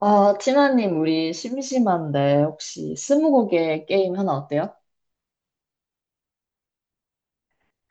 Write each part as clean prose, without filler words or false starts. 아, 티나님, 우리 심심한데 혹시 스무고개 게임 하나 어때요?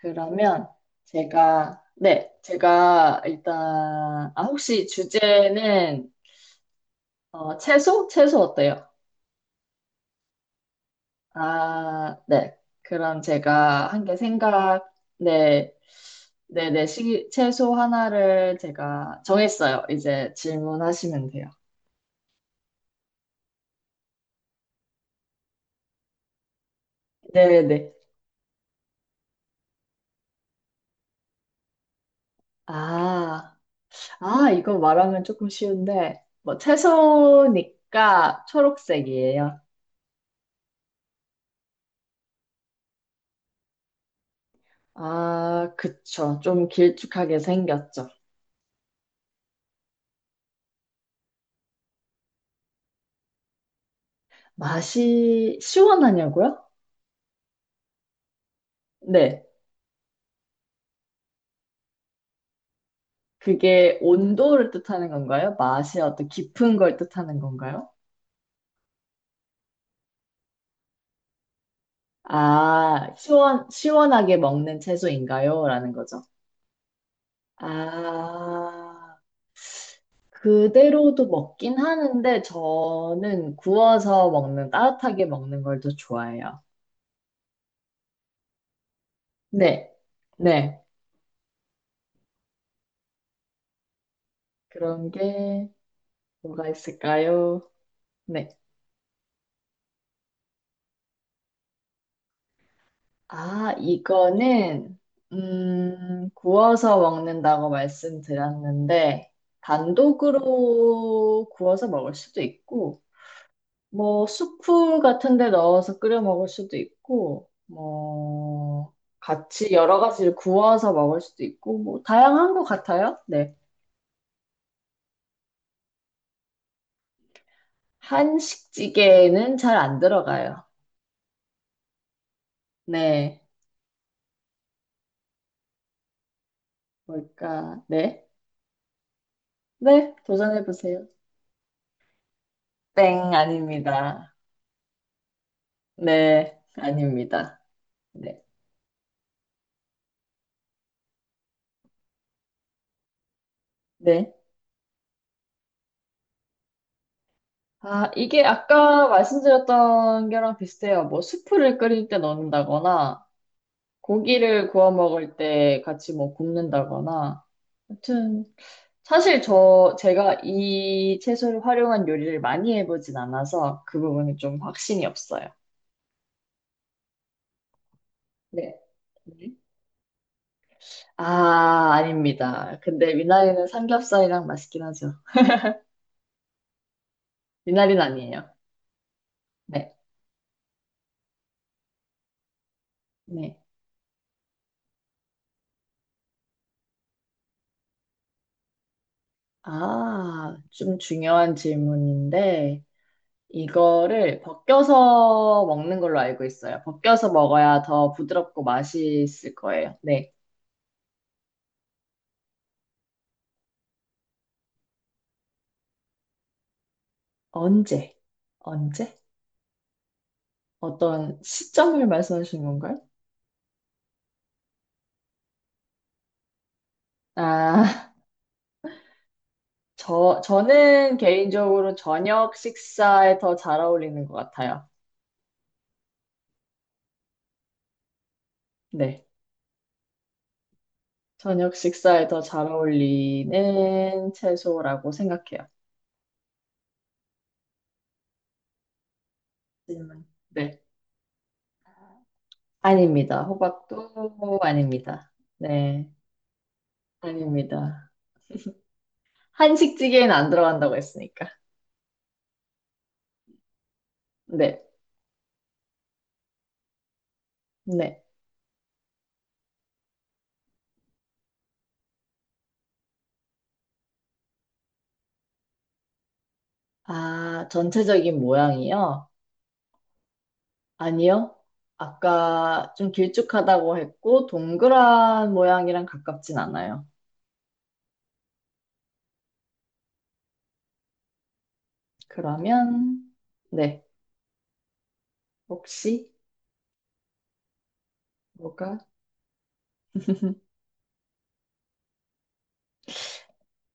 그러면 제가, 네, 제가 일단, 아, 혹시 주제는 채소? 채소 어때요? 아, 네. 그럼 제가 한 개 생각, 네, 채소 하나를 제가 정했어요. 이제 질문하시면 돼요. 네, 네. 아. 아, 이거 말하면 조금 쉬운데, 뭐, 채소니까 초록색이에요. 아, 그쵸. 좀 길쭉하게 생겼죠. 맛이 시원하냐고요? 네. 그게 온도를 뜻하는 건가요? 맛이 어떤 깊은 걸 뜻하는 건가요? 아, 시원하게 먹는 채소인가요? 라는 거죠. 아, 그대로도 먹긴 하는데, 저는 구워서 먹는, 따뜻하게 먹는 걸 더 좋아해요. 네, 네. 그런 게 뭐가 있을까요? 네. 아, 이거는, 구워서 먹는다고 말씀드렸는데, 단독으로 구워서 먹을 수도 있고, 뭐, 수프 같은 데 넣어서 끓여 먹을 수도 있고, 뭐, 같이 여러 가지를 구워서 먹을 수도 있고, 뭐, 다양한 것 같아요. 네. 한식찌개에는 잘 안 들어가요. 네. 뭘까? 네. 네, 도전해보세요. 땡, 아닙니다. 네, 아닙니다. 네. 네. 아, 이게 아까 말씀드렸던 게랑 비슷해요. 뭐, 수프를 끓일 때 넣는다거나, 고기를 구워 먹을 때 같이 뭐 굽는다거나. 아무튼, 사실 제가 이 채소를 활용한 요리를 많이 해보진 않아서 그 부분이 좀 확신이 없어요. 네. 네. 아, 아닙니다. 근데 미나리는 삼겹살이랑 맛있긴 하죠. 미나리는 아니에요. 네, 네. 아, 좀 중요한 질문인데, 이거를 벗겨서 먹는 걸로 알고 있어요. 벗겨서 먹어야 더 부드럽고 맛있을 거예요. 네. 언제? 언제? 어떤 시점을 말씀하시는 건가요? 아, 저는 개인적으로 저녁 식사에 더 잘 어울리는 것 같아요. 네. 저녁 식사에 더 잘 어울리는 채소라고 생각해요. 질문. 네. 아닙니다. 호박도 아닙니다. 네, 아닙니다. 한식찌개에는 안 들어간다고 했으니까. 네, 네. 아, 전체적인 모양이요? 아니요. 아까 좀 길쭉하다고 했고, 동그란 모양이랑 가깝진 않아요. 그러면, 네. 혹시, 뭐가?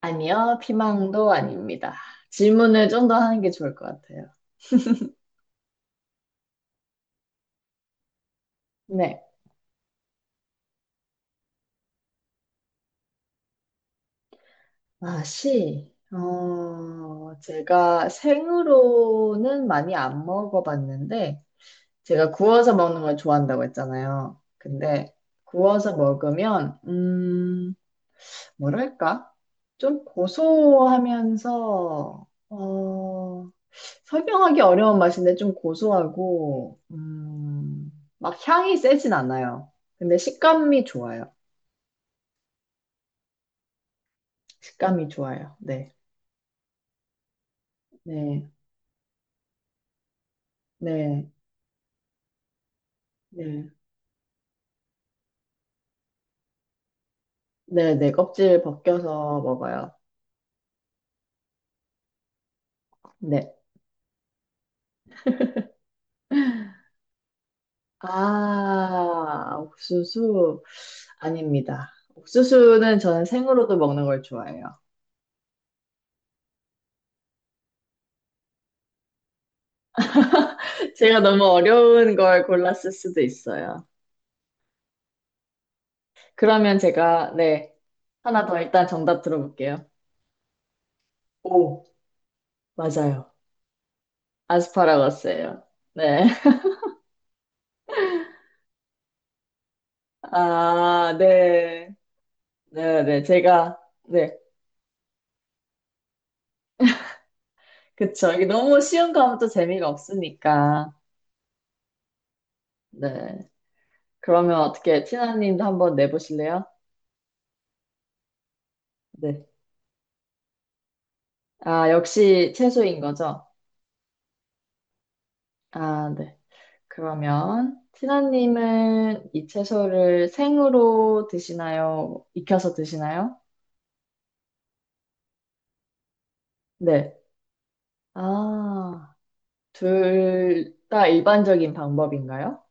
아니요. 피망도 아닙니다. 질문을 좀 더 하는 게 좋을 것 같아요. 네. 맛이 제가 생으로는 많이 안 먹어봤는데, 제가 구워서 먹는 걸 좋아한다고 했잖아요. 근데 구워서 먹으면, 뭐랄까? 좀 고소하면서, 어, 설명하기 어려운 맛인데 좀 고소하고, 막 향이 세진 않아요. 근데 식감이 좋아요. 네. 네. 네. 네. 네네, 껍질 벗겨서 먹어요. 네. 아, 옥수수? 아닙니다. 옥수수는 저는 생으로도 먹는 걸 좋아해요. 제가 너무 어려운 걸 골랐을 수도 있어요. 그러면 하나 더 일단 정답 들어볼게요. 오, 맞아요. 아스파라거스예요. 네. 아, 네. 네, 네. 제가, 네. 그쵸. 이게 너무 쉬운 거 하면 또 재미가 없으니까. 네. 그러면 어떻게 티나님도 한번 내보실래요? 네. 아, 역시 채소인 거죠? 아, 네. 그러면 티나님은 이 채소를 생으로 드시나요? 익혀서 드시나요? 네. 아, 둘 다 일반적인 방법인가요?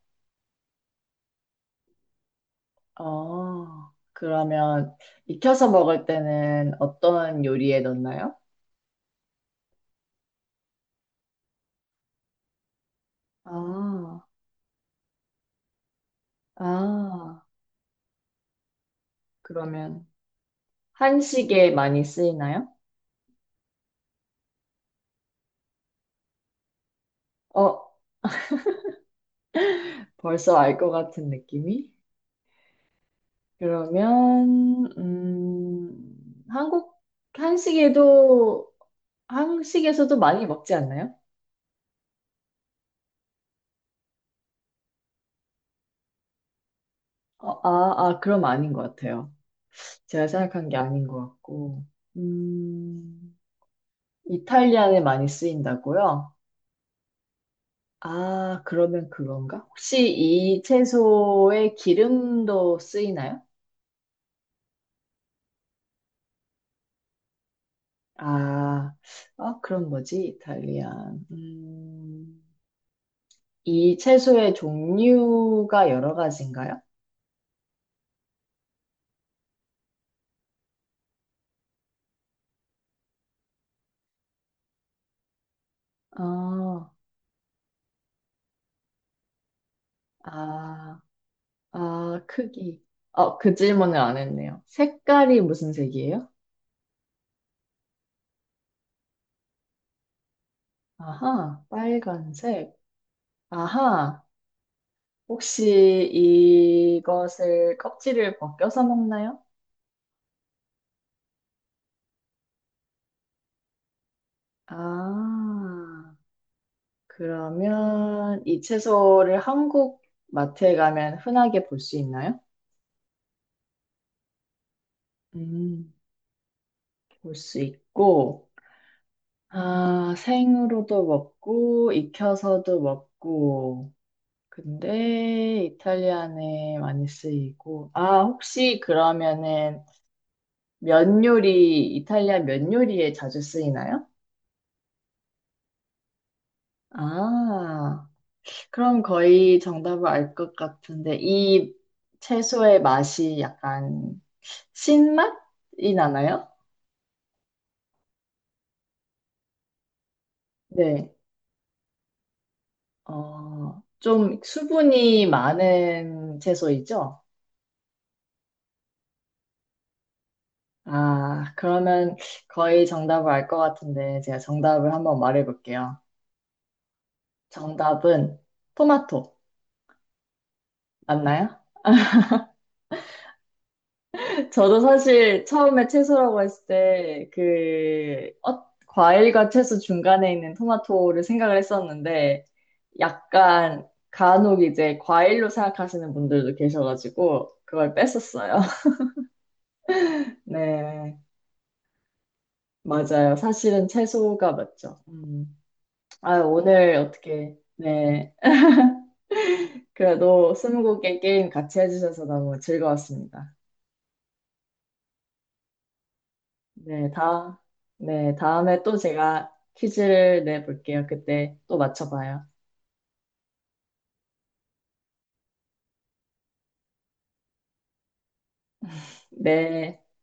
어, 그러면 익혀서 먹을 때는 어떤 요리에 넣나요? 아, 아, 그러면 한식에 많이 쓰이나요? 어, 벌써 알 것 같은 느낌이? 그러면, 한식에도, 한식에서도 많이 먹지 않나요? 그럼 아닌 것 같아요. 제가 생각한 게 아닌 것 같고. 음, 이탈리안에 많이 쓰인다고요? 아, 그러면 그건가? 혹시 이 채소에 기름도 쓰이나요? 아, 아, 그럼 뭐지? 이탈리안. 이 채소의 종류가 여러 가지인가요? 아, 아, 아, 크기. 어, 그 질문을 안 했네요. 색깔이 무슨 색이에요? 아하, 빨간색. 아하, 혹시 이것을 껍질을 벗겨서 먹나요? 아, 그러면 이 채소를 한국 마트에 가면 흔하게 볼 수 있나요? 음, 볼 수 있고, 아, 생으로도 먹고, 익혀서도 먹고, 근데 이탈리안에 많이 쓰이고. 아, 혹시 그러면은 면 요리, 이탈리안 면 요리에 자주 쓰이나요? 아, 그럼 거의 정답을 알 것 같은데, 이 채소의 맛이 약간 신맛이 나나요? 네. 어, 좀 수분이 많은 채소이죠? 아, 그러면 거의 정답을 알 것 같은데 제가 정답을 한번 말해볼게요. 정답은 토마토 맞나요? 저도 사실 처음에 채소라고 했을 때 그 과일과 채소 중간에 있는 토마토를 생각을 했었는데 약간 간혹 이제 과일로 생각하시는 분들도 계셔가지고 그걸 뺐었어요. 네, 맞아요. 사실은 채소가 맞죠. 음. 아, 오늘 어떻게 네. 그래도 스무고개 게임 같이 해주셔서 너무 즐거웠습니다. 네, 다, 네, 다음에 또 제가 퀴즈를 내볼게요. 그때 또 맞춰봐요. 네.